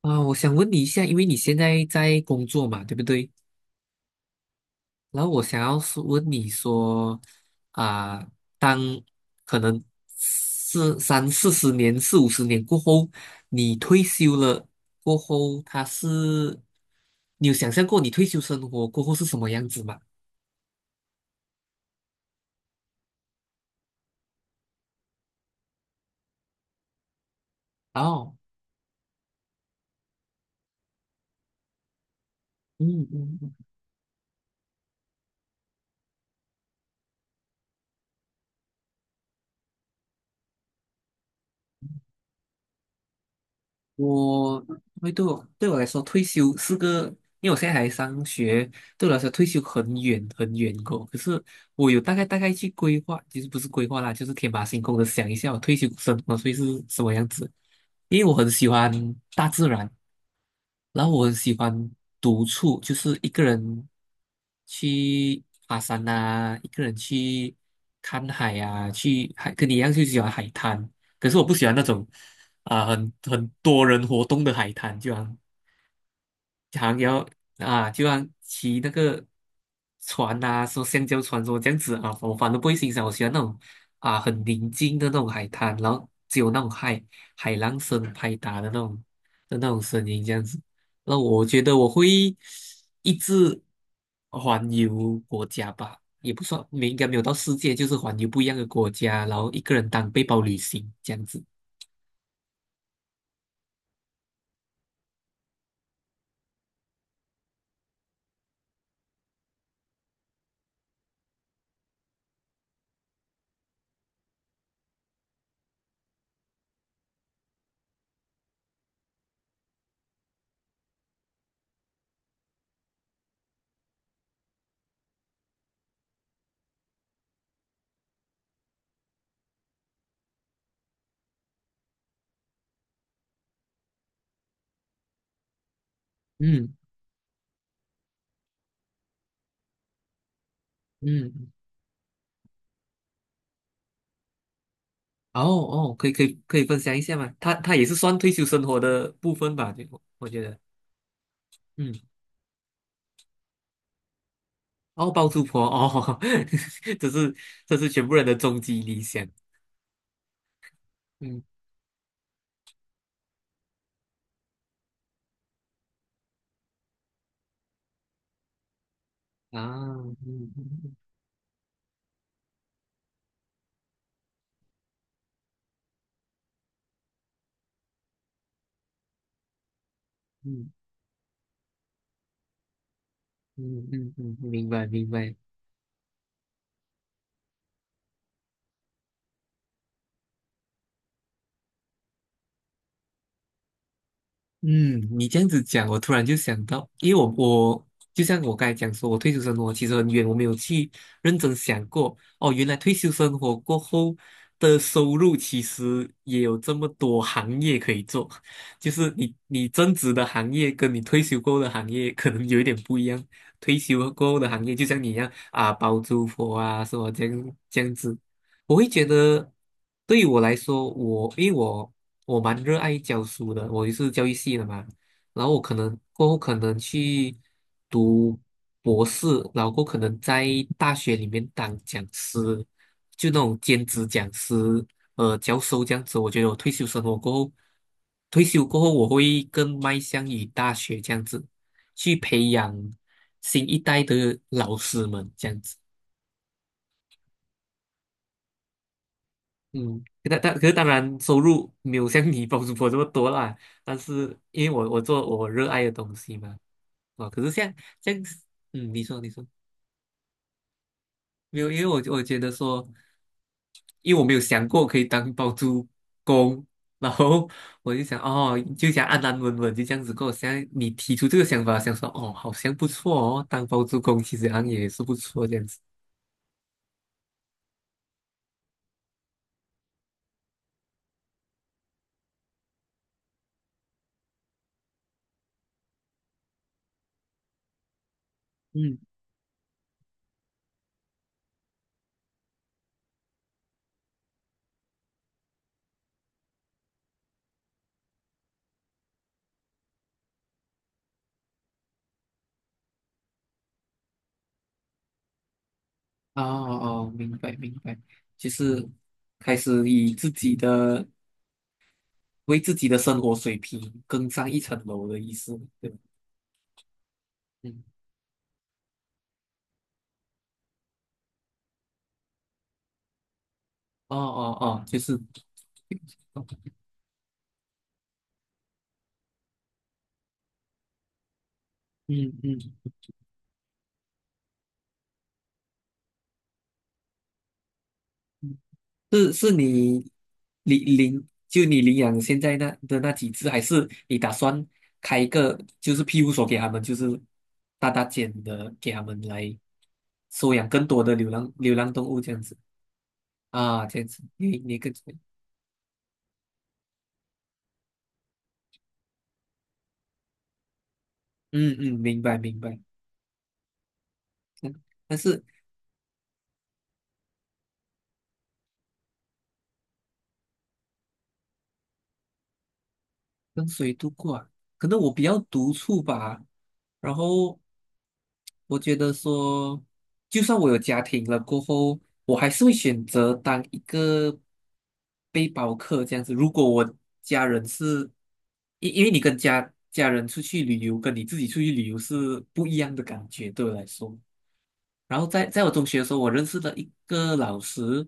啊，我想问你一下，因为你现在在工作嘛，对不对？然后我想要是问你说，啊，当可能是三四十年、四五十年过后，你退休了过后，他是，你有想象过你退休生活过后是什么样子吗？哦，嗯嗯嗯。我会对我对我来说，退休是个，因为我现在还上学，对我来说退休很远很远过。可是我有大概去规划，其实不是规划啦，就是天马行空的想一下我退休生活会是什么样子。因为我很喜欢大自然，然后我很喜欢独处，就是一个人去爬山啊，一个人去看海啊，去海跟你一样就喜欢海滩。可是我不喜欢那种。很多人活动的海滩，就好像要啊，就好像骑那个船呐，说橡胶船说这样子啊，我反正不会欣赏，我喜欢那种很宁静的那种海滩，然后只有那种海浪声拍打的那种声音这样子。那我觉得我会一直环游国家吧，也不算，没应该没有到世界，就是环游不一样的国家，然后一个人当背包旅行这样子。嗯嗯。哦哦，可以可以，可以分享一下吗？他也是算退休生活的部分吧，就我觉得，嗯，哦，包租婆哦，这是这是全部人的终极理想，嗯啊，嗯嗯嗯嗯嗯，嗯，明白明白，嗯，你这样子讲，我突然就想到，因为我就像我刚才讲说，我退休生活其实很远，我没有去认真想过。哦，原来退休生活过后的收入其实也有这么多行业可以做，就是你增值的行业跟你退休过后的行业可能有一点不一样。退休过后的行业就像你一样啊，包租婆啊，什么这样子，我会觉得对于我来说，我因为我。我蛮热爱教书的，我也是教育系的嘛。然后我可能过后可能去读博士，然后过后可能在大学里面当讲师，就那种兼职讲师，教授这样子。我觉得我退休生活过后，退休过后我会更迈向于大学这样子，去培养新一代的老师们这样子。嗯，但可是当然收入没有像你包租婆 这么多啦，但是因为我做我热爱的东西嘛，啊，可是像，你说你说。没有，因为我觉得说，因为我没有想过可以当包租公，然后我就想哦，就想安安稳稳就这样子过。现在你提出这个想法，想说哦，好像不错哦，当包租公其实好像也是不错这样子。嗯，哦哦，明白明白，就是开始以自己的。为自己的生活水平更上一层楼的意思，对吧？嗯，哦哦哦，就是，嗯嗯，嗯，是是，你就你领养现在那的那几只，还是你打算开一个就是庇护所给他们，就是大间的给他们来收养更多的流浪动物这样子啊，这样子，你更。嗯嗯，明白明白。嗯，但是。跟谁度过啊？可能我比较独处吧。然后我觉得说，就算我有家庭了过后，我还是会选择当一个背包客这样子。如果我家人是，因为你跟家人出去旅游，跟你自己出去旅游是不一样的感觉，对我来说。然后在我中学的时候，我认识了一个老师，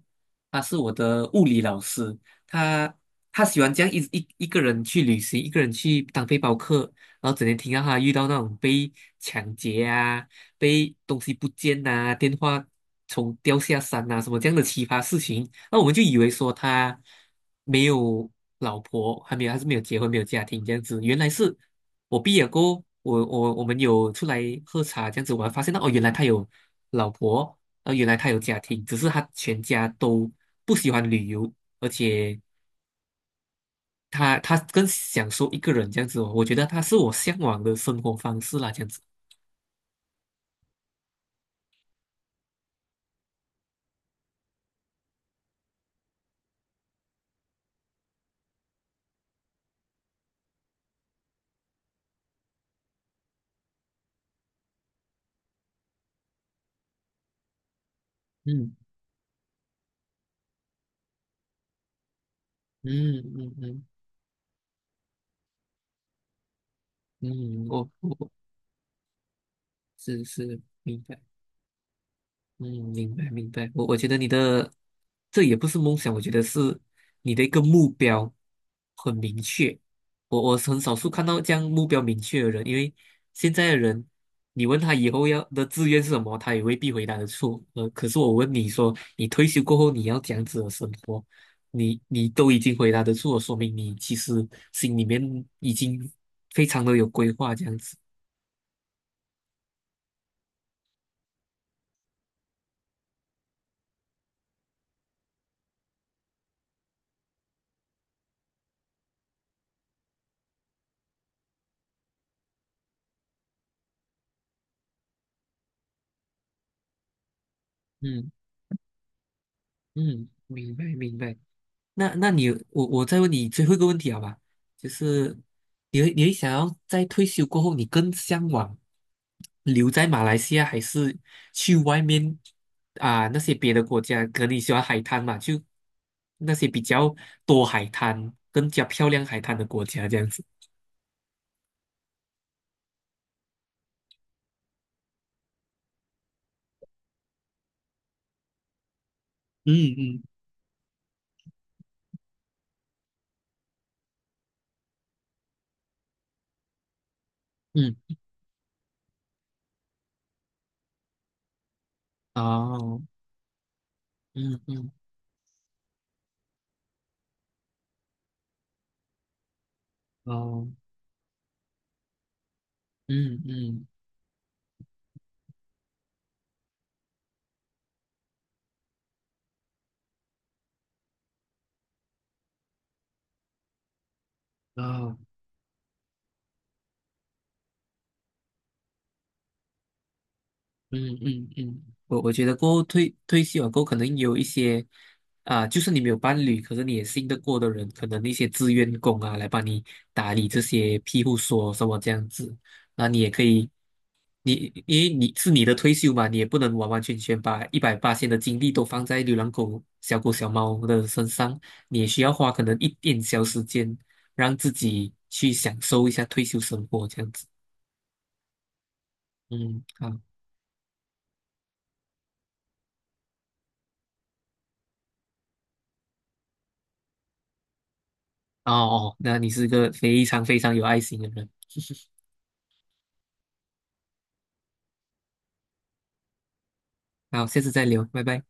他是我的物理老师，他他喜欢这样一个人去旅行，一个人去当背包客，然后整天听到他遇到那种被抢劫啊、被东西不见呐、电话从掉下山啊什么这样的奇葩事情，那我们就以为说他没有老婆，还没有，还是没有结婚，没有家庭这样子，原来是。我毕业过后我们有出来喝茶这样子我还发现到哦，原来他有老婆，原来他有家庭，只是他全家都不喜欢旅游，而且他更享受一个人这样子哦。我觉得他是我向往的生活方式啦，这样子。嗯嗯嗯嗯嗯，我是是明白。嗯，明白明白。我觉得你的这也不是梦想，我觉得是你的一个目标很明确。我是很少数看到这样目标明确的人，因为现在的人，你问他以后要的志愿是什么，他也未必回答得出。可是我问你说，你退休过后你要这样子的生活，你都已经回答得出了，说明你其实心里面已经非常的有规划这样子。嗯嗯，明白明白。那你我再问你最后一个问题好吧？就是你会想要在退休过后，你更向往留在马来西亚，还是去外面那些别的国家？可能你喜欢海滩嘛，就那些比较多海滩、更加漂亮海滩的国家这样子。嗯嗯，嗯，哦，嗯嗯，哦，嗯嗯，哦。嗯嗯嗯，我觉得过后退休啊，过后，可能有一些啊，就是你没有伴侣，可是你也信得过的人，可能一些志愿工啊，来帮你打理这些庇护所什么这样子，那你也可以，你因为你是你的退休嘛，你也不能完完全全把一百八千的精力都放在流浪狗、小狗、小猫的身上，你也需要花可能一点小时间，让自己去享受一下退休生活这样子。嗯，好。哦哦，那你是个非常非常有爱心的人。好，下次再聊，拜拜。